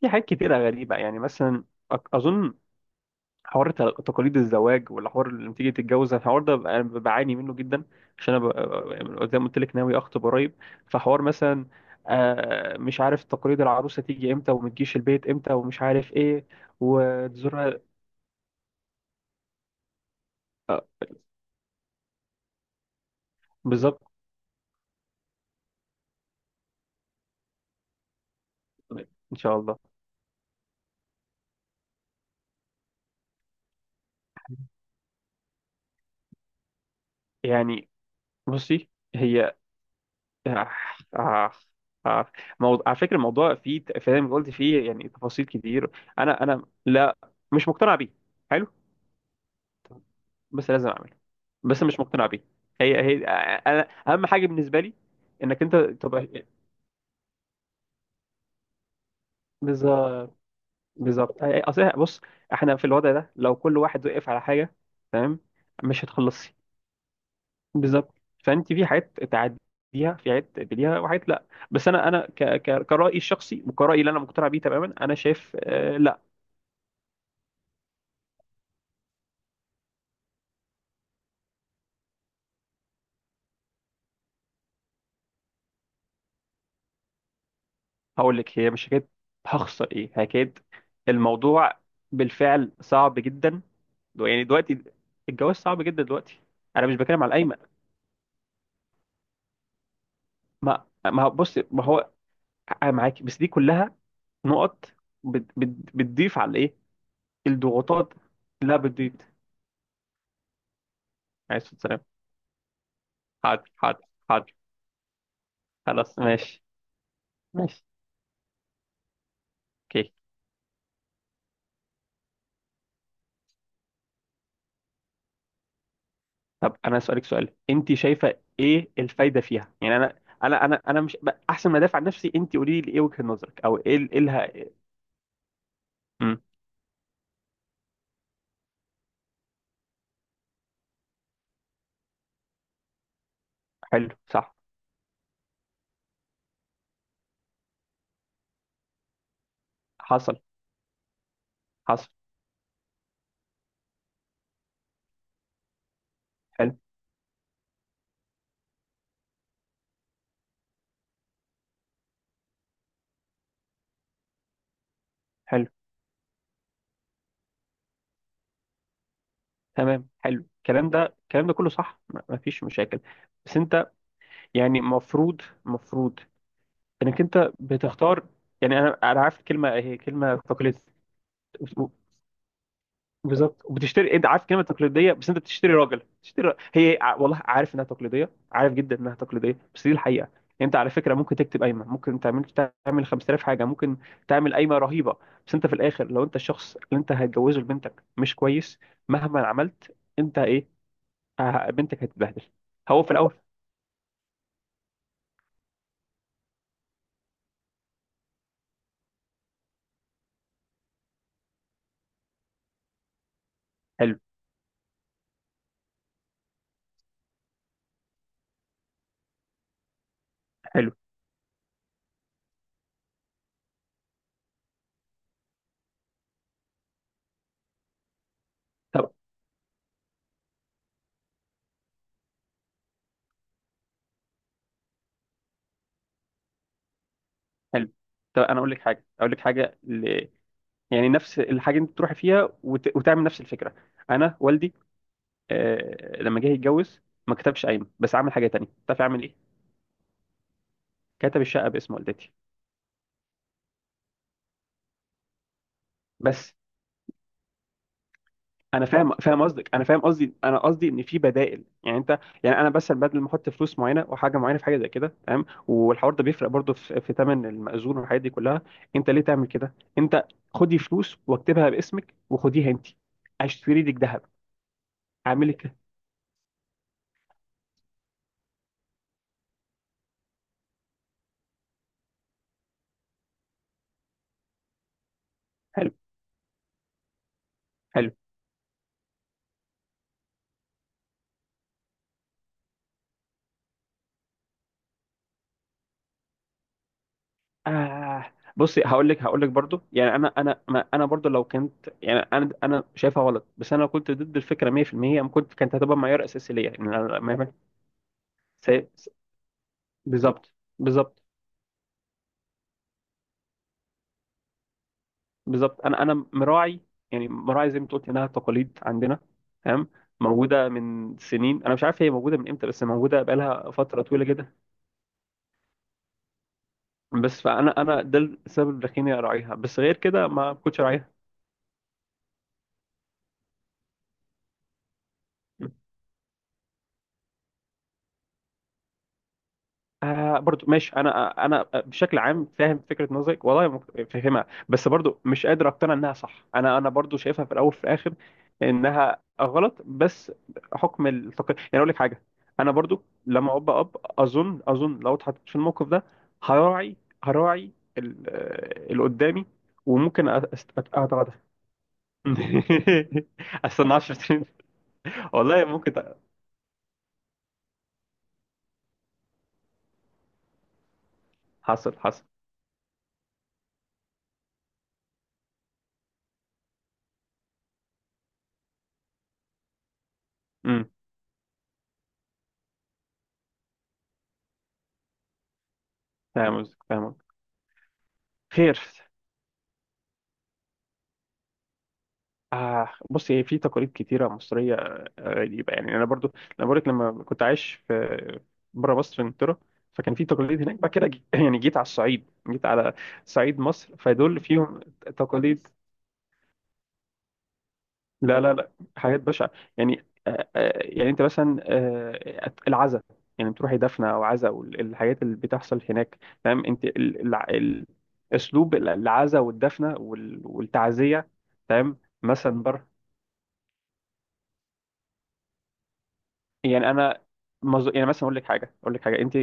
في حاجات كتيرة غريبة يعني مثلا أظن حوار ت- تقاليد الزواج، ولا حوار لما تيجي تتجوز. الحوار ده، أنا بعاني منه جدا عشان أنا زي ما قلت لك ناوي أخطب قريب. فحوار مثلا، مش عارف تقاليد العروسة تيجي إمتى وما تجيش البيت إمتى ومش عارف إيه وتزورها. آه، بالظبط. إن شاء الله. يعني بصي، هي آه، آه، آه، موضوع. على فكرة الموضوع فيه زي ما قلت فيه يعني تفاصيل كتير. أنا لا، مش مقتنع بيه. حلو. بس لازم اعمله. بس مش مقتنع بيه. هي انا اهم حاجه بالنسبه لي انك انت تبقى. بالظبط. بالظبط. اصل بص، احنا في الوضع ده لو كل واحد وقف على حاجه، تمام، مش هتخلصي. بالظبط. فانت في حاجات تعديها، في حاجات تقبليها وحاجات لا. بس انا كرأيي الشخصي وكرأيي اللي انا مقتنع بيه تماما، انا شايف لا. هقول لك، هي مش حكايه. هخسر ايه؟ حكايه الموضوع بالفعل صعب جدا. يعني دلوقتي الجواز صعب جدا دلوقتي. انا مش بتكلم على الايمن. ما ما هو- بص، ما هو انا معاك، بس دي كلها نقط بتضيف على الايه، الضغوطات. لا بتضيف. عليه الصلاه والسلام. حاضر حاضر حاضر. خلاص ماشي. ماشي. اوكي. طب انا اسالك سؤال، انت شايفه ايه الفايده فيها؟ يعني انا مش ب- احسن ما ادافع عن نفسي، انت قولي لي ايه وجهه نظرك او ايه ايه لها. امم. حلو، صح. حصل، حصل. حلو. حلو. تمام، حلو. الكلام ده، الكلام ده كله صح، ما فيش مشاكل. بس انت يعني مفروض انك انت بتختار. يعني انا عارف الكلمه، هي كلمه فاكوليتيف. بالظبط. وبتشتري، انت عارف كلمه تقليديه، بس انت بتشتري راجل، هي والله عارف انها تقليديه، عارف جدا انها تقليديه، بس دي الحقيقه يعني. انت على فكره ممكن تكتب قايمه، ممكن تعمل 5000 حاجه، ممكن تعمل قايمه رهيبه، بس انت في الاخر لو انت الشخص اللي انت هتجوزه لبنتك مش كويس، مهما عملت انت ايه، بنتك هتتبهدل. هو في الاول. حلو. حلو. طب، حلو. طب انا اقول لك حاجه، يعني نفس الحاجه انت تروحي فيها وتعمل نفس الفكره. انا والدي، لما جه يتجوز، ما كتبش قايمه، بس عمل حاجه تانية، تعرف يعمل ايه؟ كتب الشقه باسم والدتي. بس انا فاهم، فاهم قصدك، انا فاهم قصدي. انا قصدي ان في بدائل يعني. انت يعني انا بس بدل ما احط فلوس معينه وحاجه معينه في حاجه زي كده تمام، والحوار ده بيفرق برضه في في ثمن المأذون والحاجات دي كلها. انت ليه تعمل كده؟ انت خدي فلوس واكتبها باسمك وخديها انت، اشتري لك ذهب، اعمل لك. حلو. حلو. آه بصي، هقول لك، هقول لك برضو يعني انا انا ما انا برضو لو كنت، يعني انا شايفها غلط، بس انا لو كنت ضد الفكره 100%، أنا كنت، كانت هتبقى معيار اساسي ليا، ان انا سي- س- بالظبط. بالظبط. بالظبط. انا مراعي، يعني مراعي زي ما أنت قلت انها تقاليد عندنا. تمام. موجوده من سنين، انا مش عارف هي موجوده من امتى، بس موجوده بقالها فتره طويله جدا. بس فانا، انا ده السبب اللي خليني اراعيها، بس غير كده ما كنتش اراعيها. آه برضو ماشي، انا بشكل عام فاهم فكره نظرك، والله فاهمها، بس برضو مش قادر اقتنع انها صح. انا برضو شايفها في الاول وفي الاخر انها غلط، بس حكم التقييم. يعني اقول لك حاجه، انا برضو لما ابقى اب، اظن لو اتحطيت في الموقف ده هراعي، هراعي اللي قدامي، وممكن اتغاضى. استنى 10 سنين. والله ممكن حصل، حصل. امم. فاهم قصدك، فاهم قصدك. خير. آه بصي، هي في تقاليد كتيرة مصرية غريبة يعني. أنا برضو، أنا بقولك لما كنت عايش في بره مصر في إنجلترا فكان في تقاليد هناك، بعد كده يعني جيت على الصعيد، جيت على صعيد مصر، فدول فيهم تقاليد. لا، حاجات بشعة. يعني آه، يعني أنت مثلا آه العزاء، يعني بتروحي دفنة أو عزاء والحاجات اللي بتحصل هناك. تمام. أنت أسلوب العزاء والدفنة والتعزية. تمام. مثلا. يعني انا يعني مثلا اقول لك حاجه، اقول لك حاجه. انت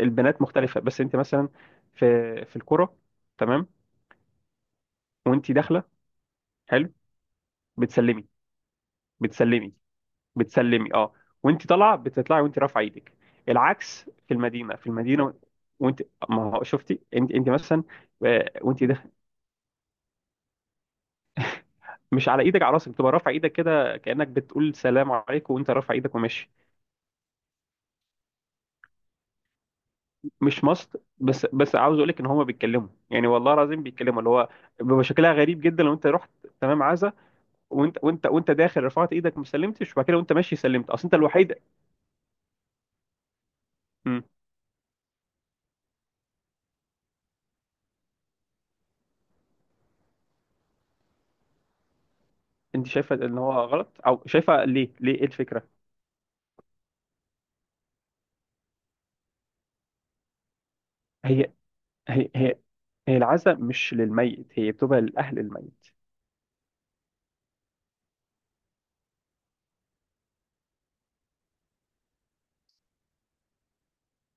البنات مختلفه، بس انت مثلا في في الكوره تمام، وانت داخله، حلو، بتسلمي. بتسلمي بتسلمي اه. وانت طالعه بتطلعي وانت رافعه ايدك. العكس في المدينه. وانت، ما هو شفتي انت، انت مثلا وانت داخل، مش على ايدك، على راسك، بتبقى رافعه ايدك كده كانك بتقول سلام عليكم، وانت رافع ايدك وماشي. مش ماست، بس بس عاوز اقول لك ان هما بيتكلموا، يعني والله العظيم بيتكلموا اللي هو بيبقى شكلها غريب جدا لو انت رحت تمام عزا، وانت داخل رفعت ايدك ما سلمتش، وبعد كده وانت ماشي سلمت، اصل انت الوحيد. امم. انت شايفه ان هو غلط، او شايفه ليه؟ ليه ايه الفكره؟ هي هي هي هي العزا مش للميت، هي بتبقى لاهل الميت.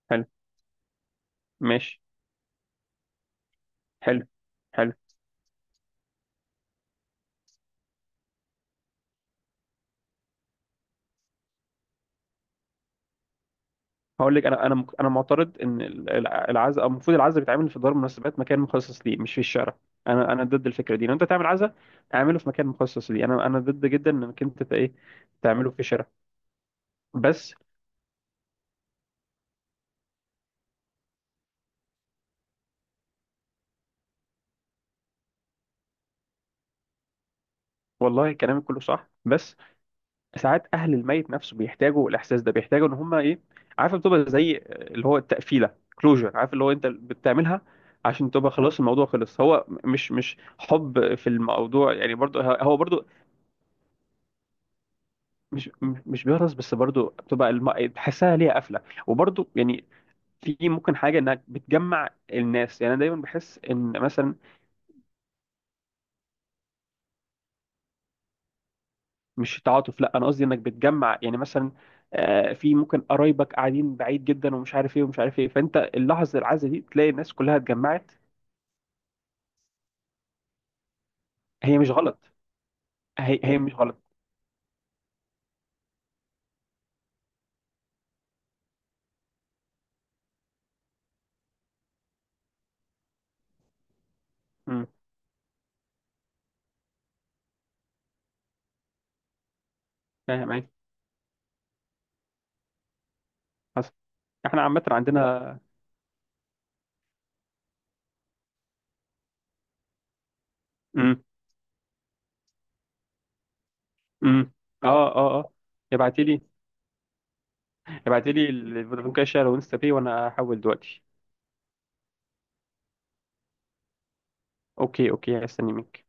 حلو. ماشي. حلو. حلو. هقول لك انا، انا معترض ان العزاء، المفروض العزاء بيتعمل في دار المناسبات، مكان مخصص ليه، مش في الشارع. انا ضد الفكره دي. لو انت تعمل عزاء اعمله في مكان مخصص ليه. انا ضد جدا انك انت ايه تعمله في الشارع. بس والله كلامك كله صح، بس ساعات اهل الميت نفسه بيحتاجوا الاحساس ده، بيحتاجوا ان هم ايه، عارف، بتبقى زي اللي هو التقفيله، كلوجر عارف، اللي هو انت بتعملها عشان تبقى خلاص الموضوع خلص. هو مش حب في الموضوع يعني، برضه هو برضه مش بيهرس، بس برضو بتبقى تحسها ليها قفله. وبرضو يعني في ممكن حاجه انك بتجمع الناس. يعني انا دايما بحس ان مثلا، مش تعاطف لا، انا قصدي انك بتجمع، يعني مثلا في ممكن قرايبك قاعدين بعيد جدا ومش عارف ايه ومش عارف ايه، فانت اللحظه العزه دي تلاقي الناس كلها اتجمعت. هي مش غلط. هي مش غلط. امم. فاهم ايه. حصل. احنا عامه عندنا. امم. امم. اه اه اه. ابعتي لي، ابعتي لي الفودافون كاش شير وانستا باي وانا هحول دلوقتي. اوكي. اوكي، هستني منك.